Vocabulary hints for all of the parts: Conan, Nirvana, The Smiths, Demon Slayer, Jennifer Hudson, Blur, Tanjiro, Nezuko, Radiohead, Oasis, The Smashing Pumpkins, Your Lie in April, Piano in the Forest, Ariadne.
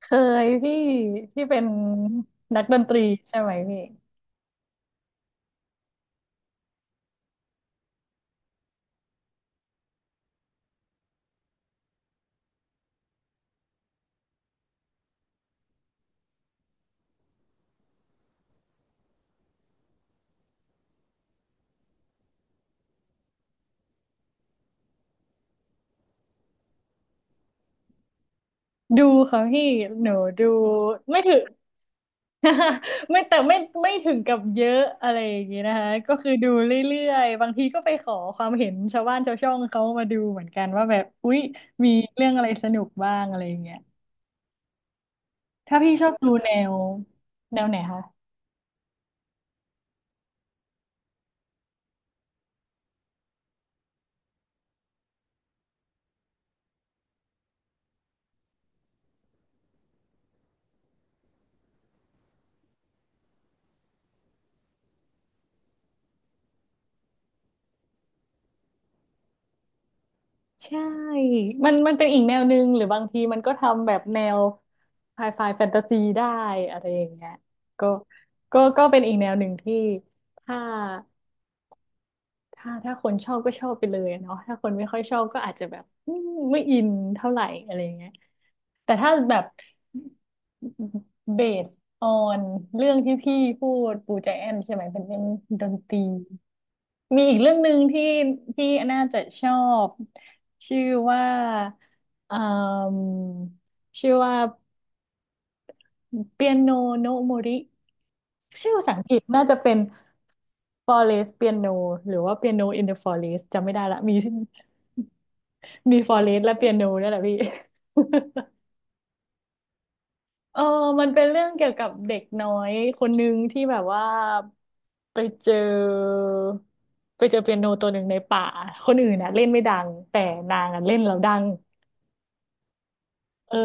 เคยพี่ที่เป็นนักดนตรีใช่ไหมพี่ดูค่ะพี่หนูดูไม่ถึง ไม่แต่ไม่ไม่ถึงกับเยอะอะไรอย่างงี้นะคะก็คือดูเรื่อยๆบางทีก็ไปขอความเห็นชาวบ้านชาวช่องเขามาดูเหมือนกันว่าแบบอุ๊ยมีเรื่องอะไรสนุกบ้างอะไรอย่างเงี้ยถ้าพี่ชอบดูแนวไหนคะ ใช่มันเป็นอีกแนวหนึ่งหรือบางทีมันก็ทำแบบแนวไฮไฟแฟนตาซีได้อะไรอย่างเงี้ยก็ก็เป็นอีกแนวหนึ่งที่ถ้าถ้าคนชอบก็ชอบไปเลยอะเนาะถ้าคนไม่ค่อยชอบก็อาจจะแบบไม่อินเท่าไหร่อะไรอย่างเงี้ยแต่ถ้าแบบเบสออนเรื่องที่พี่พูดปูใจแอนใช่ไหมเป็นเรื่องดนตรี มีอีกเรื่องหนึ่งที่ที่น่าจะชอบชื่อว่าเอ่มชื่อว่าเปียโนโนม o ริชื่อภาษาอังกฤษน่าจะเป็น Forest Piano หรือว่า Piano in the Forest จำไม่ได้ละมีมี Forest และ Piano นี่นแหละพี่ เออมันเป็นเรื่องเกี่ยวกับเด็กน้อยคนหนึ่งที่แบบว่า ไปเจอไปเจอเปียโนตัวหนึ่งในป่าคนอื่นน่ะเล่นไม่ดังแต่นางอ่ะเล่นแล้วดังเออ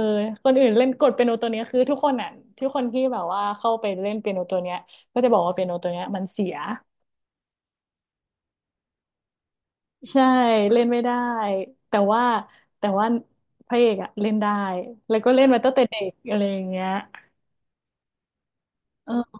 คนอื่นเล่นกดเปียโนตัวเนี้ยคือทุกคนอ่ะทุกคนที่แบบว่าเข้าไปเล่นเปียโนตัวเนี้ยก็จะบอกว่าเปียโนตัวเนี้ยมันเสียใช่เล่นไม่ได้แต่ว่าแต่ว่าพระเอกอ่ะเล่นได้แล้วก็เล่นมาตั้งแต่เด็กอะไรอย่างเงี้ยเออ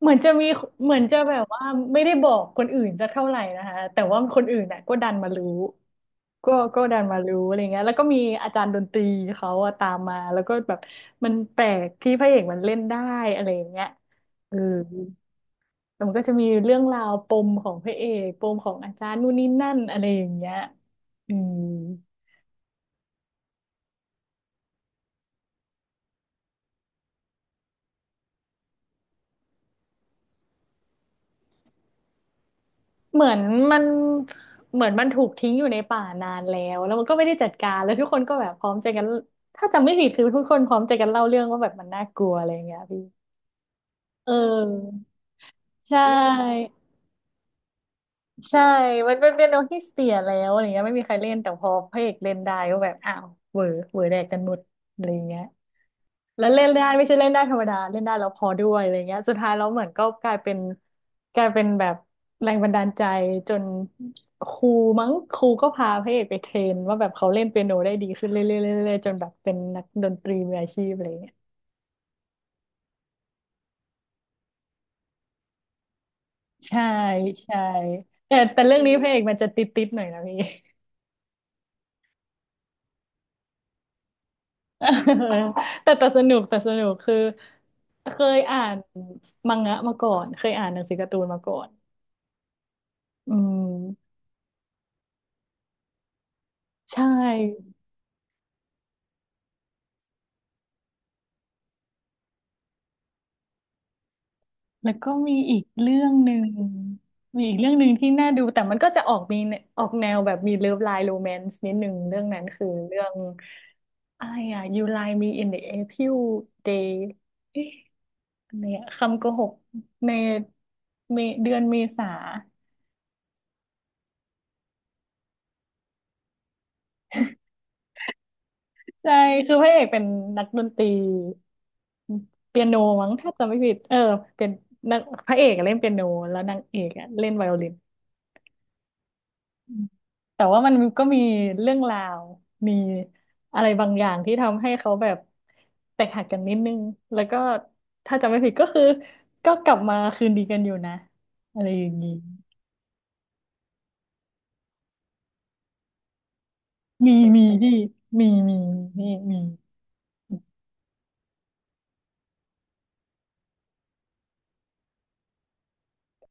เหมือนจะมีเหมือนจะแบบว่าไม่ได้บอกคนอื่นจะเท่าไหร่นะคะแต่ว่าคนอื่นน่ะก็ดันมารู้ก็ดันมารู้อะไรเงี้ยแล้วก็มีอาจารย์ดนตรีเขาอะตามมาแล้วก็แบบมันแปลกที่พระเอกมันเล่นได้อะไรอย่างเงี้ยเออแต่มันก็จะมีเรื่องราวปมของพระเอกปมของอาจารย์นู่นนี่นั่นอะไรอย่างเงี้ยอืม เหมือนมันเหมือนมันถูกทิ้งอยู่ในป่านานแล้วแล้วมันก็ไม่ได้จัดการแล้วทุกคนก็แบบพร้อมใจกันถ้าจำไม่ผิดคือทุกคนพร้อมใจกันเล่าเรื่องว่าแบบมันน่ากลัวอะไรอย่างเงี้ยพี่เออใช่ใช่มันเป็นเปียโนที่เสียแล้วอะไรเงี้ยไม่มีใครเล่นแต่พอพระเอกเล่นได้ก็แบบอ้าวเหวอเหวอแดกกันหมดอะไรเงี้ย แล้วเล่นได้ไม่ใช่เล่นได้ธรรมดาเล่นได้แล้วพอด้วยอะไรเงี้ยสุดท้ายแล้วเหมือนก็กลายเป็นกลายเป็นแบบแรงบันดาลใจจนครูมั้งครูก็พาพระเอกไปเทรนว่าแบบเขาเล่นเปียโนได้ดีขึ้นเรื่อยๆเรื่อยๆจนแบบเป็นนักดนตรีมืออาชีพอะไรเงี้ยใช่ใช่แต่เรื่องนี้พระเอกมันจะติดๆหน่อยนะพี่ เออแต่สนุกคือเคยอ่านมังงะมาก่อนเคยอ่านหนังสือการ์ตูนมาก่อนอืมใช่ แล้วก็มีอีกเรื่องหนึ่งมีอีกเรื่องหนึ่งที่น่าดูแต่มันก็จะออกออกแนวแบบมีเลิฟไลน์โรแมนซ์นิดหนึ่งเรื่องนั้นคือเรื่องอะไรอ่ะ You Lie Me in the April Day เอ๊ะอะไรอะคำโกหกในเมเดือนเมษาใช่คือพระเอกเป็นนักดนตรีเปียโนมั้งถ้าจำไม่ผิดเออเป็นนักพระเอกอะเล่นเปียโนแล้วนางเอกอะเล่นไวโอลิน แต่ว่ามันก็มีเรื่องราวมีอะไรบางอย่างที่ทำให้เขาแบบแตกหักกันนิดนึงแล้วก็ถ้าจำไม่ผิดก็คือก็กลับมาคืนดีกันอยู่นะอะไรอย่างนี้มีมีพี่มีมีมี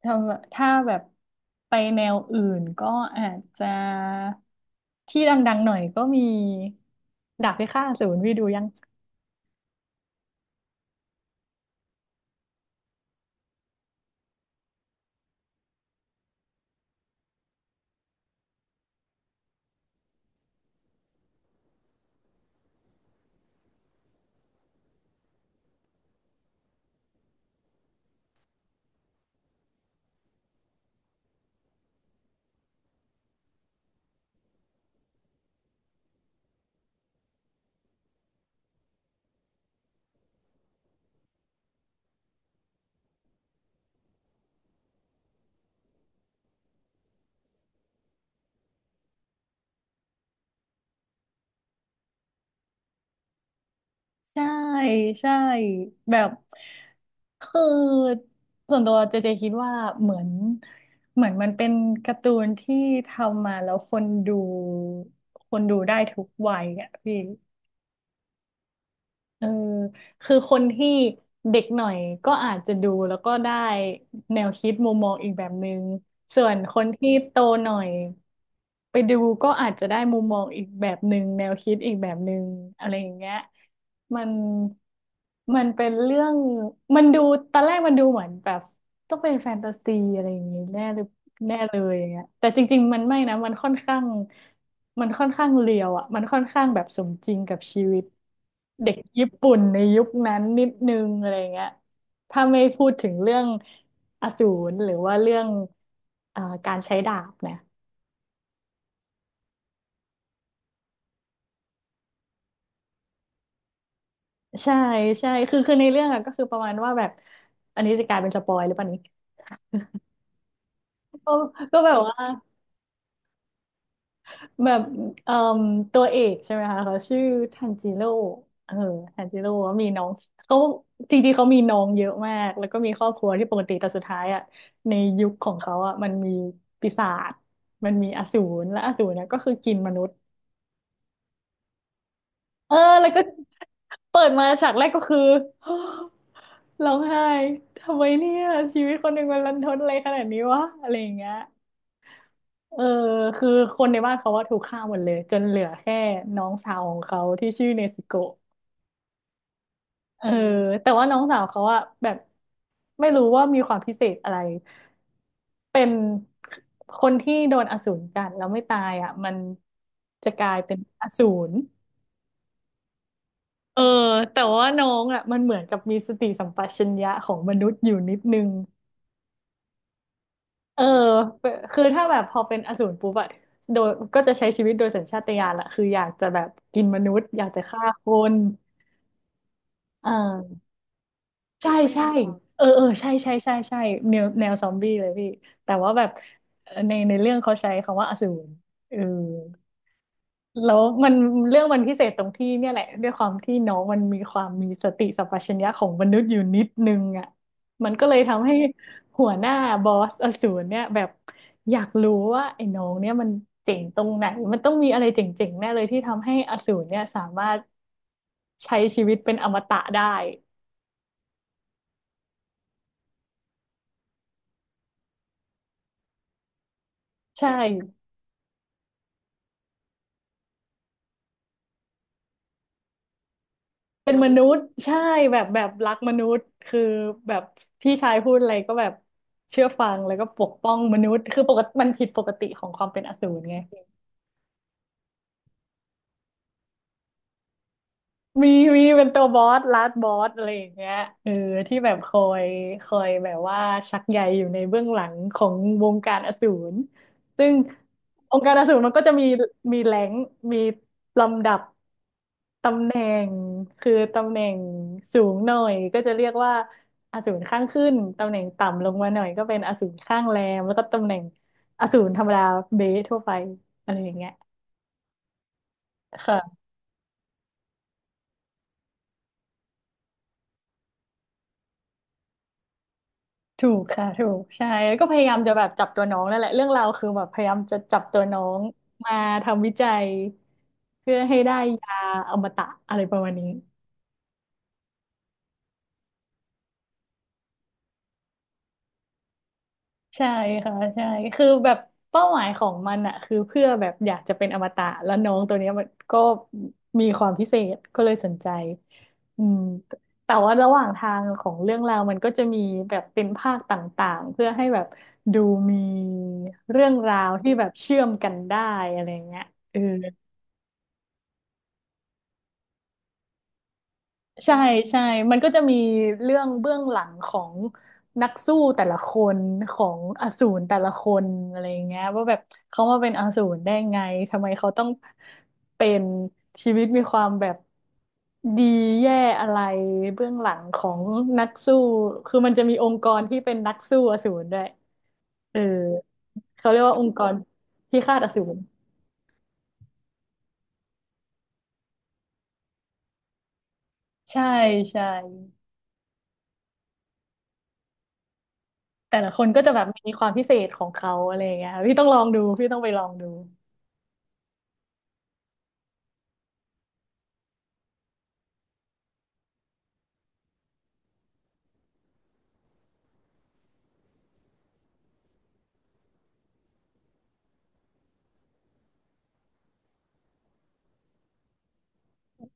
ถ้าถ้าแบบไปแนวอื่นก็อาจจะที่ดังๆหน่อยก็มีดาบพิฆาตอสูรพี่ดูยัง ใช่ใช่แบบคือส่วนตัวเจเจคิดว่าเหมือนเหมือนมันเป็นการ์ตูนที่ทำมาแล้วคนดูคนดูได้ทุกวัยอ่ะพี่ เออคือคนที่เด็กหน่อยก็อาจจะดูแล้วก็ได้แนวคิดมุมมองอีกแบบนึงส่วนคนที่โตหน่อยไปดูก็อาจจะได้มุมมองอีกแบบนึงแนวคิดอีกแบบนึงอะไรอย่างเงี้ยมันมันเป็นเรื่องมันดูตอนแรกมันดูเหมือนแบบต้องเป็นแฟนตาซีอะไรอย่างงี้แน่เลยแน่เลยอย่างเงี้ยแต่จริงๆมันไม่นะมันค่อนข้างเรียวอ่ะมันค่อนข้างแบบสมจริงกับชีวิต เด็กญี่ปุ่นในยุคนั้นนิดนึงอะไรเงี้ยถ้าไม่พูดถึงเรื่องอสูรหรือว่าเรื่องการใช้ดาบนะใช่ใช่คือในเรื่องอะก็คือประมาณว่าแบบ อันนี้จะกลายเป็นสปอยหรือเปล่านี้ก็ก็แบบว่า แบบเอ่มตัวเอกใช่ไหมคะเขาชื่อทันจิโร่เออทันจิโร่มีน้องเขาจริงๆ เขามีน้องเยอะมากแล้วก็มีครอบครัวที่ปกติแต่สุดท้ายอ่ะในยุคของเขาอ่ะมันมีปีศาจมันมีอสูรและอสูรเนี่ยก็คือกินมนุษย์เออแล้วก็เปิดมาฉากแรกก็คือ ร้องไห้ทำไมเนี่ยชีวิตคนหนึ่งมันรันทดอะไรขนาดนี้วะอะไรอย่างเงี้ย เออคือคนในบ้านเขาว่าถูกฆ่าหมดเลยจนเหลือแค่น้องสาวของเขาที่ชื่อเนซึโกะเออแต่ว่าน้องสาวเขาอะแบบไม่รู้ว่ามีความพิเศษอะไรเป็นคนที่โดนอสูรกัดแล้วไม่ตายอะมันจะกลายเป็นอสูรเออแต่ว่าน้องอะมันเหมือนกับมีสติสัมปชัญญะของมนุษย์อยู่นิดนึง เออเป็นคือถ้าแบบพอเป็นอสูรปุ๊บอะโดยก็จะใช้ชีวิตโดยสัญชาตญาณละคืออยากจะแบบกินมนุษย์อยากจะฆ่าคนอ่าใช่ใช่เออเออใช่ใช่ใช่ใช่แนวแนวซอมบี้เลยพี่แต่ว่าแบบในเรื่องเขาใช้คำว่าอสูรเออ แล้วมันเรื่องมันพิเศษตรงที่เนี่ยแหละด้วยความที่น้องมันมีความมีสติสัมปชัญญะของมนุษย์อยู่นิดนึงอ่ะมันก็เลยทำให้หัวหน้าบอสอสูรเนี่ยแบบอยากรู้ว่าไอ้น้องเนี่ยมันเจ๋งตรงไหนมันต้องมีอะไรเจ๋งๆแน่เลยที่ทำให้อสูรเนี่ยสามารถใช้ชีวิตเป็นอมตะได้ใช่ เป็นมนุษย์ใช่แบบแบบรักมนุษย์คือแบบพี่ชายพูดอะไรก็แบบเชื่อฟังแล้วก็ปกป้องมนุษย์คือปกติมันผิดปกติของความเป็นอสูรไง มีมีเป็นตัวบอสลาดบอสอะไรอย่างเงี้ยเออที่แบบคอยแบบว่าชักใยอยู่ในเบื้องหลังของวงการอสูรซึ่งองค์การอสูรมันก็จะมีมีแรงค์มีลำดับตำแหน่งคือตำแหน่งสูงหน่อยก็จะเรียกว่าอสูรข้างขึ้นตำแหน่งต่ำลงมาหน่อยก็เป็นอสูรข้างแรมแล้วก็ตำแหน่งอสูรธรรมดาเบสทั่วไปอะไรอย่างเงี้ยค่ะ ถูกค่ะถูกใช่แล้วก็พยายามจะแบบจับตัวน้องนั่นแหละเรื่องราวคือแบบพยายามจะจับตัวน้องมาทำวิจัยเพื่อให้ได้ยาอมตะอะไรประมาณนี้ ใช่ค่ะใช่คือแบบเป้าหมายของมันอะคือเพื่อแบบอยากจะเป็นอมตะแล้วน้องตัวเนี้ยมันก็มีความพิเศษก็เลยสนใจอืมแต่ว่าระหว่างทางของเรื่องราวมันก็จะมีแบบเป็นภาคต่างๆเพื่อให้แบบดูมีเรื่องราวที่แบบเชื่อมกันได้อะไรเงี้ยเออ ใช่ใช่มันก็จะมีเรื่องเบื้องหลังของนักสู้แต่ละคนของอสูรแต่ละคนอะไรอย่างเงี้ยว่าแบบเขามาเป็นอสูรได้ไงทำไมเขาต้องเป็นชีวิตมีความแบบดีแย่อะไรเบื้องหลังของนักสู้คือมันจะมีองค์กรที่เป็นนักสู้อสูรด้วยเออเขาเรียกว่าองค์กรพิฆาตอสูรใช่ใช่ แต่ละคนก็จะแบบมีความพิเศษของเขาอะไรอย่างเงี้ยค่ะพี่ต้องลองดูพี่ต้องไปลองดู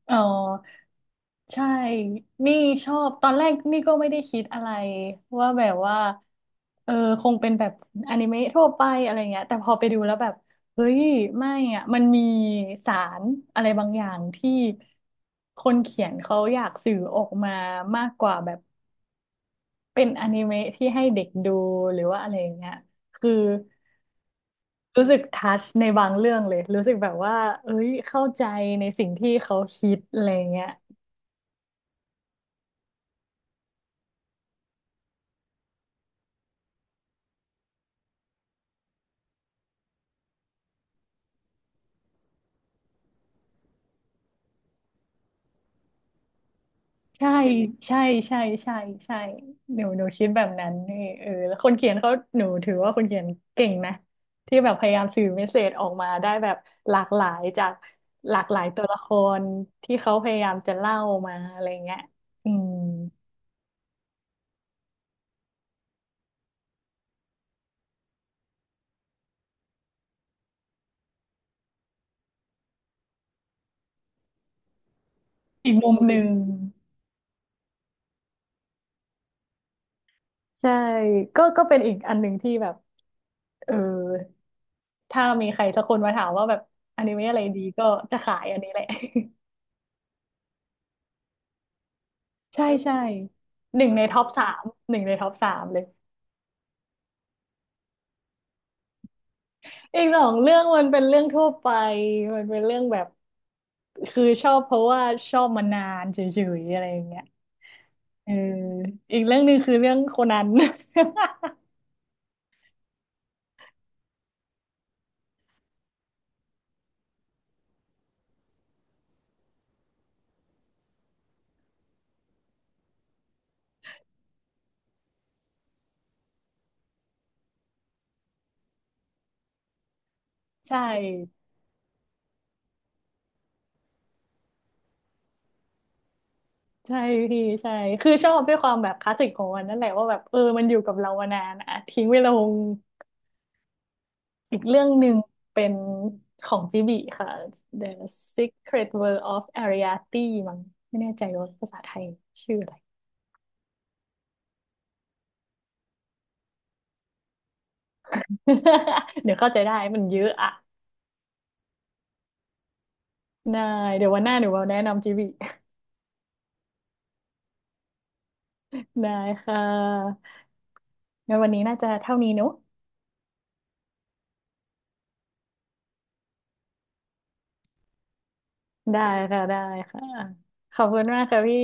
เออใช่นี่ชอบตอนแรกนี่ก็ไม่ได้คิดอะไรว่าแบบว่าเออคงเป็นแบบอนิเมะทั่วไปอะไรเงี้ยแต่พอไปดูแล้วแบบเฮ้ยไม่อ่ะมันมีสารอะไรบางอย่างที่คนเขียนเขาอยากสื่อออกมามากกว่าแบบเป็นอนิเมะที่ให้เด็กดูหรือว่าอะไรอย่างเงี้ยคือ รู้สึกทัชในบางเรื่องเลย รู้สึกแบบว่าเอ้ยเข้าใจในสิ่งที่เขาคิดอะไรเงี้ยใช่ใช่ใช่ใช่ใช่หนูคิดแบบนั้นนี่เออแล้วคนเขียนเขาหนูถือว่าคนเขียนเก่งนะที่แบบพยายามสื่อเมสเสจออกมาได้แบบหลากหลายจากหลากหลายตัวละครที่เขาพยายามจะเล่ามาอะไรเงี้ยอืมอีกมุมหนึ่ง ใช่ ก็เป็นอีกอันหนึ่งที่แบบเออ ถ้ามีใครสักคนมาถามว่าแบบอนิเมะอะไรดีก็จะขายอันนี้แหละ ใช่ใช่หนึ่งในท็อปสามหนึ่งในท็อปสามเลยอีกสองเรื่องมันเป็นเรื่องทั่วไปมันเป็นเรื่องแบบคือชอบเพราะว่าชอบมานานเฉยๆอะไรอย่างเงี้ยเอออีกเรื่องหนึ่งคือเรื่องโคนัน ใช่ใช่พี่ใช่คือชอบด้วยความแบบคลาสสิกของมันนั่นแหละว่าแบบเออมันอยู่กับเรามานานอะทิ้งเวลา อีกเรื่องหนึ่งเป็นของจิบิค่ะ The Secret World of Ariadne มั้งไม่แน่ใจว่าภาษาไทยชื่ออะไร เดี๋ยวเข้าใจได้มันเยอะอะได้เดี๋ยววันหน้าหนูเอาแนะนำจิบิ ได้ค่ะงั้นวันนี้น่าจะเท่านี้เนอะได้ค่ะได้ค่ะขอบคุณมากค่ะพี่